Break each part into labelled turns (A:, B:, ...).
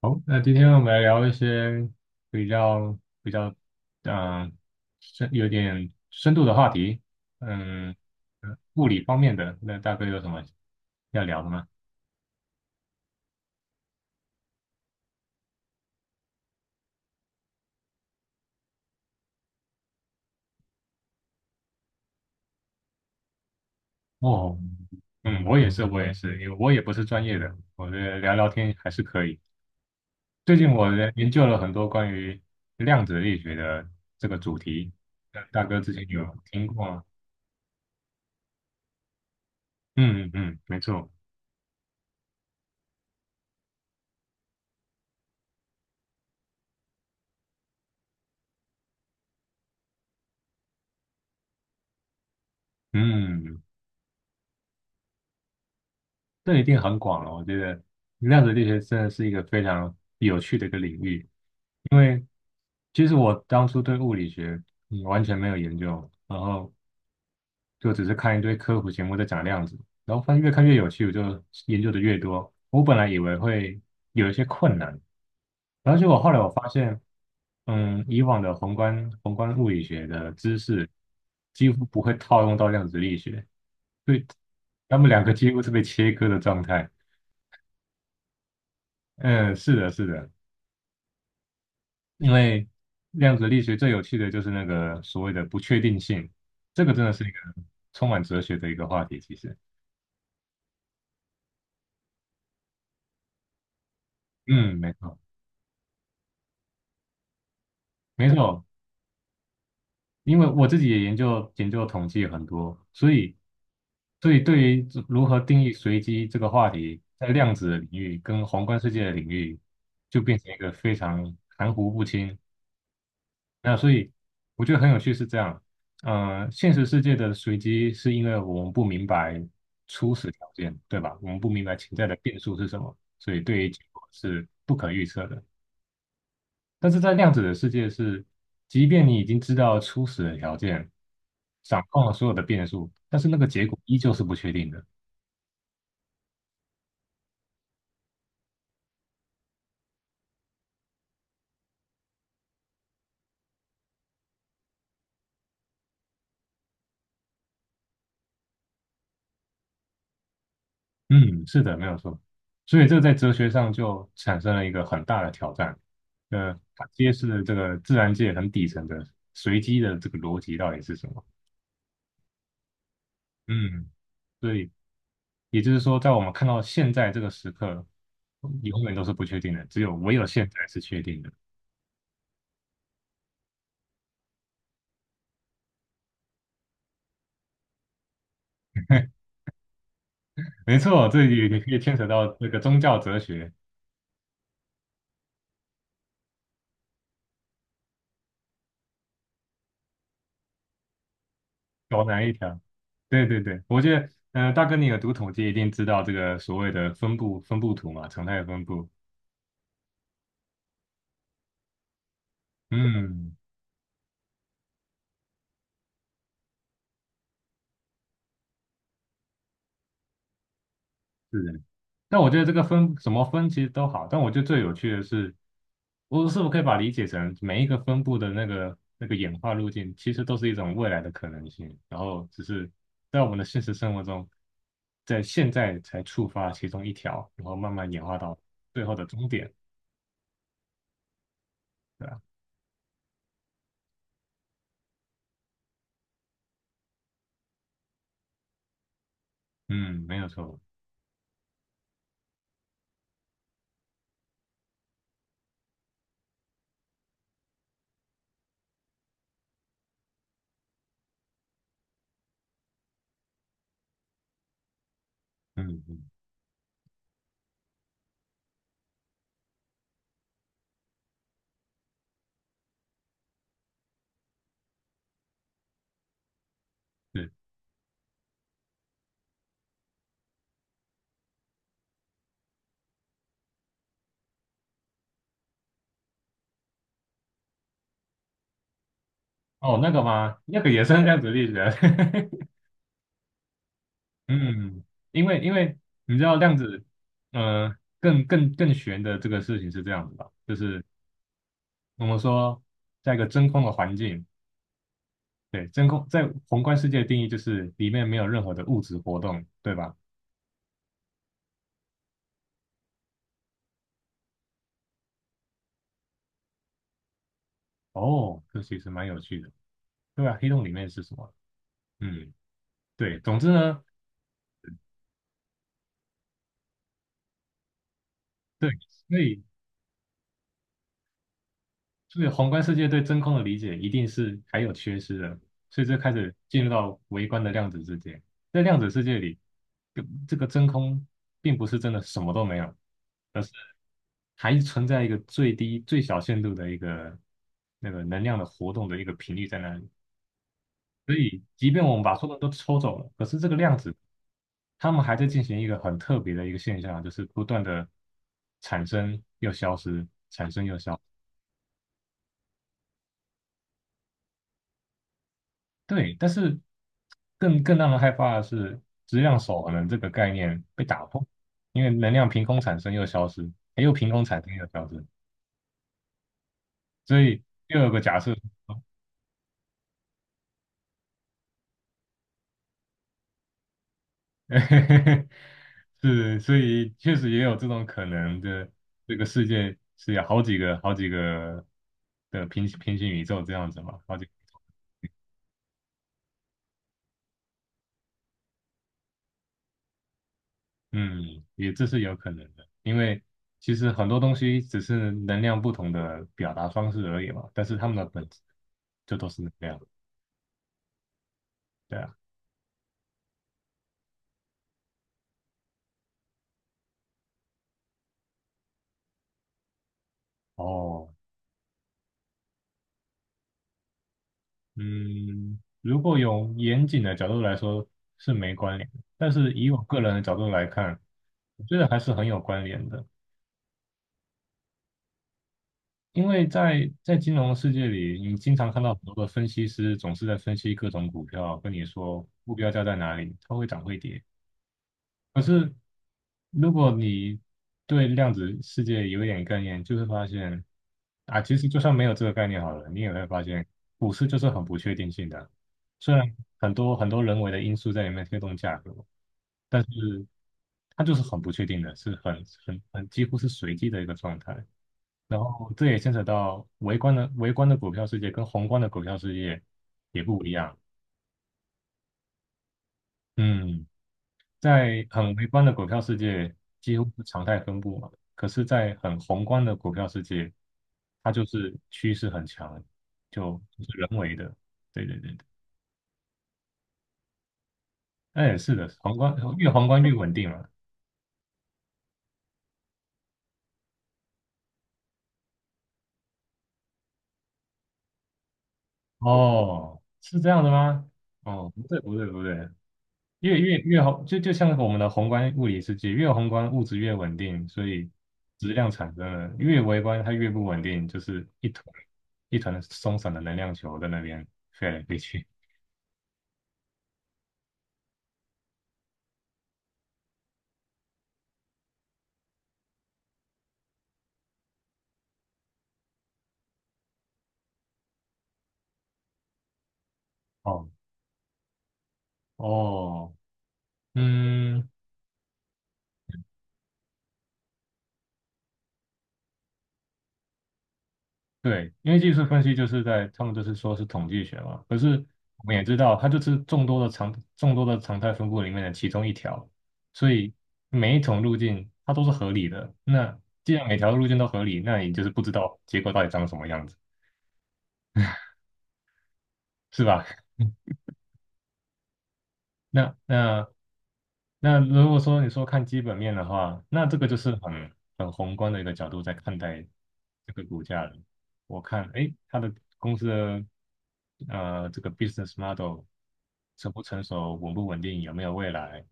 A: 好，那今天我们来聊一些比较嗯有点深度的话题，嗯，物理方面的，那大哥有什么要聊的吗？哦，嗯，我也是，因为我也不是专业的，我觉得聊聊天还是可以。最近我在研究了很多关于量子力学的这个主题，那大哥之前有听过吗？嗯嗯嗯，没错，嗯。这一定很广了。我觉得量子力学真的是一个非常有趣的一个领域，因为其实我当初对物理学完全没有研究，然后就只是看一堆科普节目在讲量子，然后发现越看越有趣，我就研究的越多。我本来以为会有一些困难，然后结果后来我发现，嗯，以往的宏观物理学的知识几乎不会套用到量子力学，所以他们两个几乎是被切割的状态。嗯，是的，是的。因为量子力学最有趣的就是那个所谓的不确定性，这个真的是一个充满哲学的一个话题。其实，嗯，没错，没错，因为我自己也研究统计很多，所以，所以对于如何定义随机这个话题，在量子的领域跟宏观世界的领域，就变成一个非常含糊不清，那所以我觉得很有趣是这样，呃，现实世界的随机是因为我们不明白初始条件，对吧？我们不明白潜在的变数是什么，所以对于结果是不可预测的。但是在量子的世界是，即便你已经知道初始的条件，掌控了所有的变数，但是那个结果依旧是不确定的。嗯，是的，没有错。所以这在哲学上就产生了一个很大的挑战，它揭示了这个自然界很底层的随机的这个逻辑到底是什么。嗯，所以也就是说，在我们看到现在这个时刻，永远都是不确定的，只有唯有现在是确定的。没错，这里也可以牵扯到这个宗教哲学，高难一条。对对对，我觉得，嗯，大哥，你有读统计，一定知道这个所谓的分布图嘛，常态分布。嗯，是的，但我觉得这个分什么分其实都好，但我觉得最有趣的是，我是否可以把理解成每一个分布的那个演化路径，其实都是一种未来的可能性，然后只是在我们的现实生活中，在现在才触发其中一条，然后慢慢演化到最后的终点，对吧？嗯，没有错，嗯嗯，是哦，那个吗？那个也算量子力学，嗯，因为你知道量子，更玄的这个事情是这样子的，就是我们说在一个真空的环境，对，真空在宏观世界的定义就是里面没有任何的物质活动，对吧？哦，这其实蛮有趣的，对吧？黑洞里面是什么？嗯，对，总之呢，对，所以所以宏观世界对真空的理解一定是还有缺失的，所以这开始进入到微观的量子世界。在量子世界里，这个真空并不是真的什么都没有，而是还存在一个最低、最小限度的一个那个能量的活动的一个频率在那里。所以，即便我们把所有人都抽走了，可是这个量子，他们还在进行一个很特别的一个现象，就是不断的产生又消失。对，但是更让人害怕的是，质量守恒的这个概念被打破，因为能量凭空产生又消失，又凭空产生又消失，所以又有个假设，是，所以确实也有这种可能的，这个世界是有好几个的平行宇宙这样子嘛，好几个。嗯，也这是有可能的，因为其实很多东西只是能量不同的表达方式而已嘛，但是它们的本质就都是能量，对啊。哦，嗯，如果有严谨的角度来说是没关联的，但是以我个人的角度来看，我觉得还是很有关联的，因为在金融世界里，你经常看到很多的分析师总是在分析各种股票，跟你说目标价在哪里，它会涨会跌。可是如果你对量子世界有一点概念，就会发现啊，其实就算没有这个概念好了，你也会发现股市就是很不确定性的。虽然很多人为的因素在里面推动价格，但是它就是很不确定的，是很几乎是随机的一个状态。然后这也牵扯到微观的股票世界跟宏观的股票世界也不一样。嗯。在很微观的股票世界，几乎是常态分布嘛。可是，在很宏观的股票世界，它就是趋势很强，就是人为的。对对对对，那也是的，宏观越宏观越稳定嘛。哦，是这样的吗？哦，不对不对不对，越宏，就像我们的宏观物理世界，越宏观物质越稳定，所以质量产生了。越微观它越不稳定，就是一团松散的能量球在那边飞来飞去。哦哦，嗯，对，因为技术分析就是在他们就是说是统计学嘛，可是我们也知道它就是众多的常态分布里面的其中一条，所以每一种路径它都是合理的。那既然每条路径都合理，那你就是不知道结果到底长什么样子，是吧？那那那如果说你说看基本面的话，那这个就是很宏观的一个角度在看待这个股价了。我看，哎，它的公司的这个 business model 成不成熟、稳不稳定、有没有未来、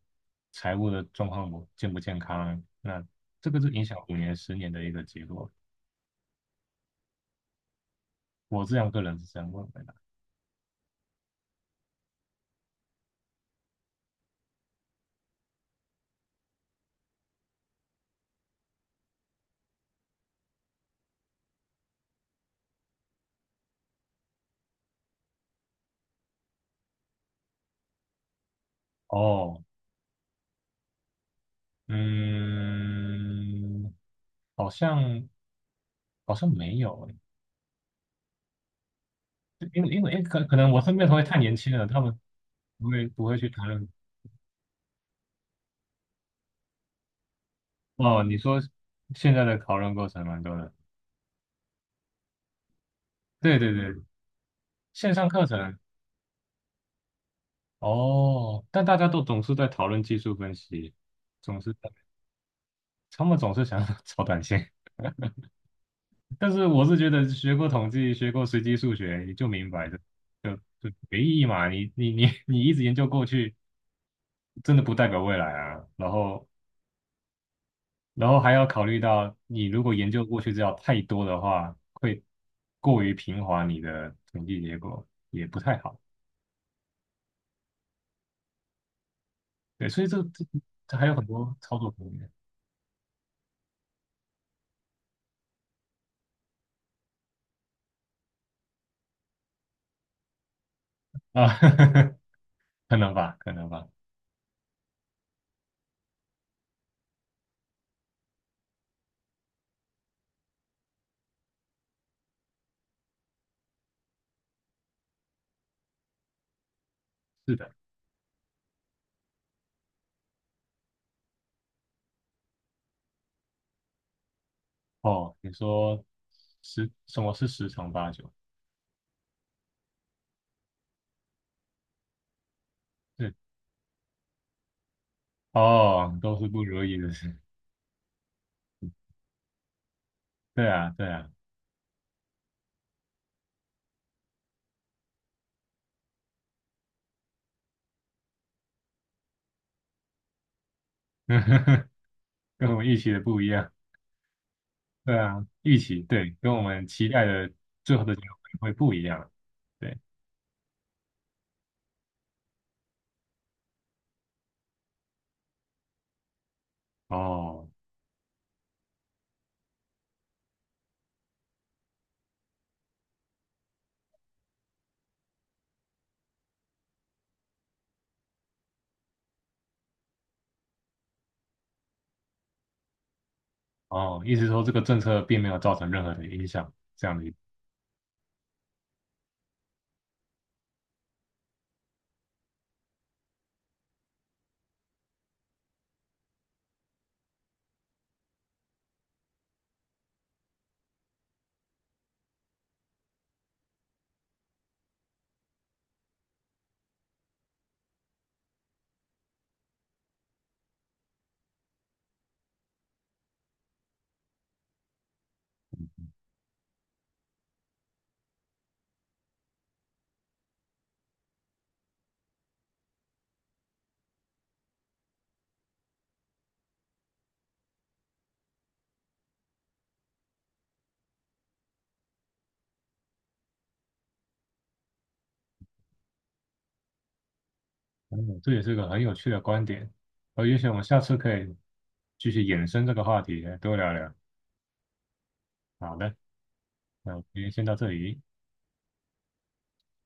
A: 财务的状况不健不健康，那这个是影响5年、10年的一个结果。我这样个人是这样认为的。哦，嗯，好像好像没有诶。因为因为可能我身边的同学太年轻了，他们不会去谈论。哦，你说现在的讨论过程蛮多的，对对对，线上课程哦，但大家都总是在讨论技术分析，总是在他们总是想要 炒短线。但是我是觉得学过统计、学过随机数学，你就明白的，就就没意义嘛。你一直研究过去，真的不代表未来啊。然后然后还要考虑到，你如果研究过去资料太多的话，会过于平滑你的统计结果，也不太好。对，所以这还有很多操作空间啊，可能吧，可能吧。是的，哦，你说十什么是十常八九？是哦，都是不如意的事。对啊，对啊，跟我们预期的不一样。对啊，预期对，跟我们期待的最后的结果会不一样。对，哦。哦，意思说这个政策并没有造成任何的影响，这样的一，嗯，这也是个很有趣的观点。呃，也许我们下次可以继续延伸这个话题，多聊聊。好的，那我们今天先到这里。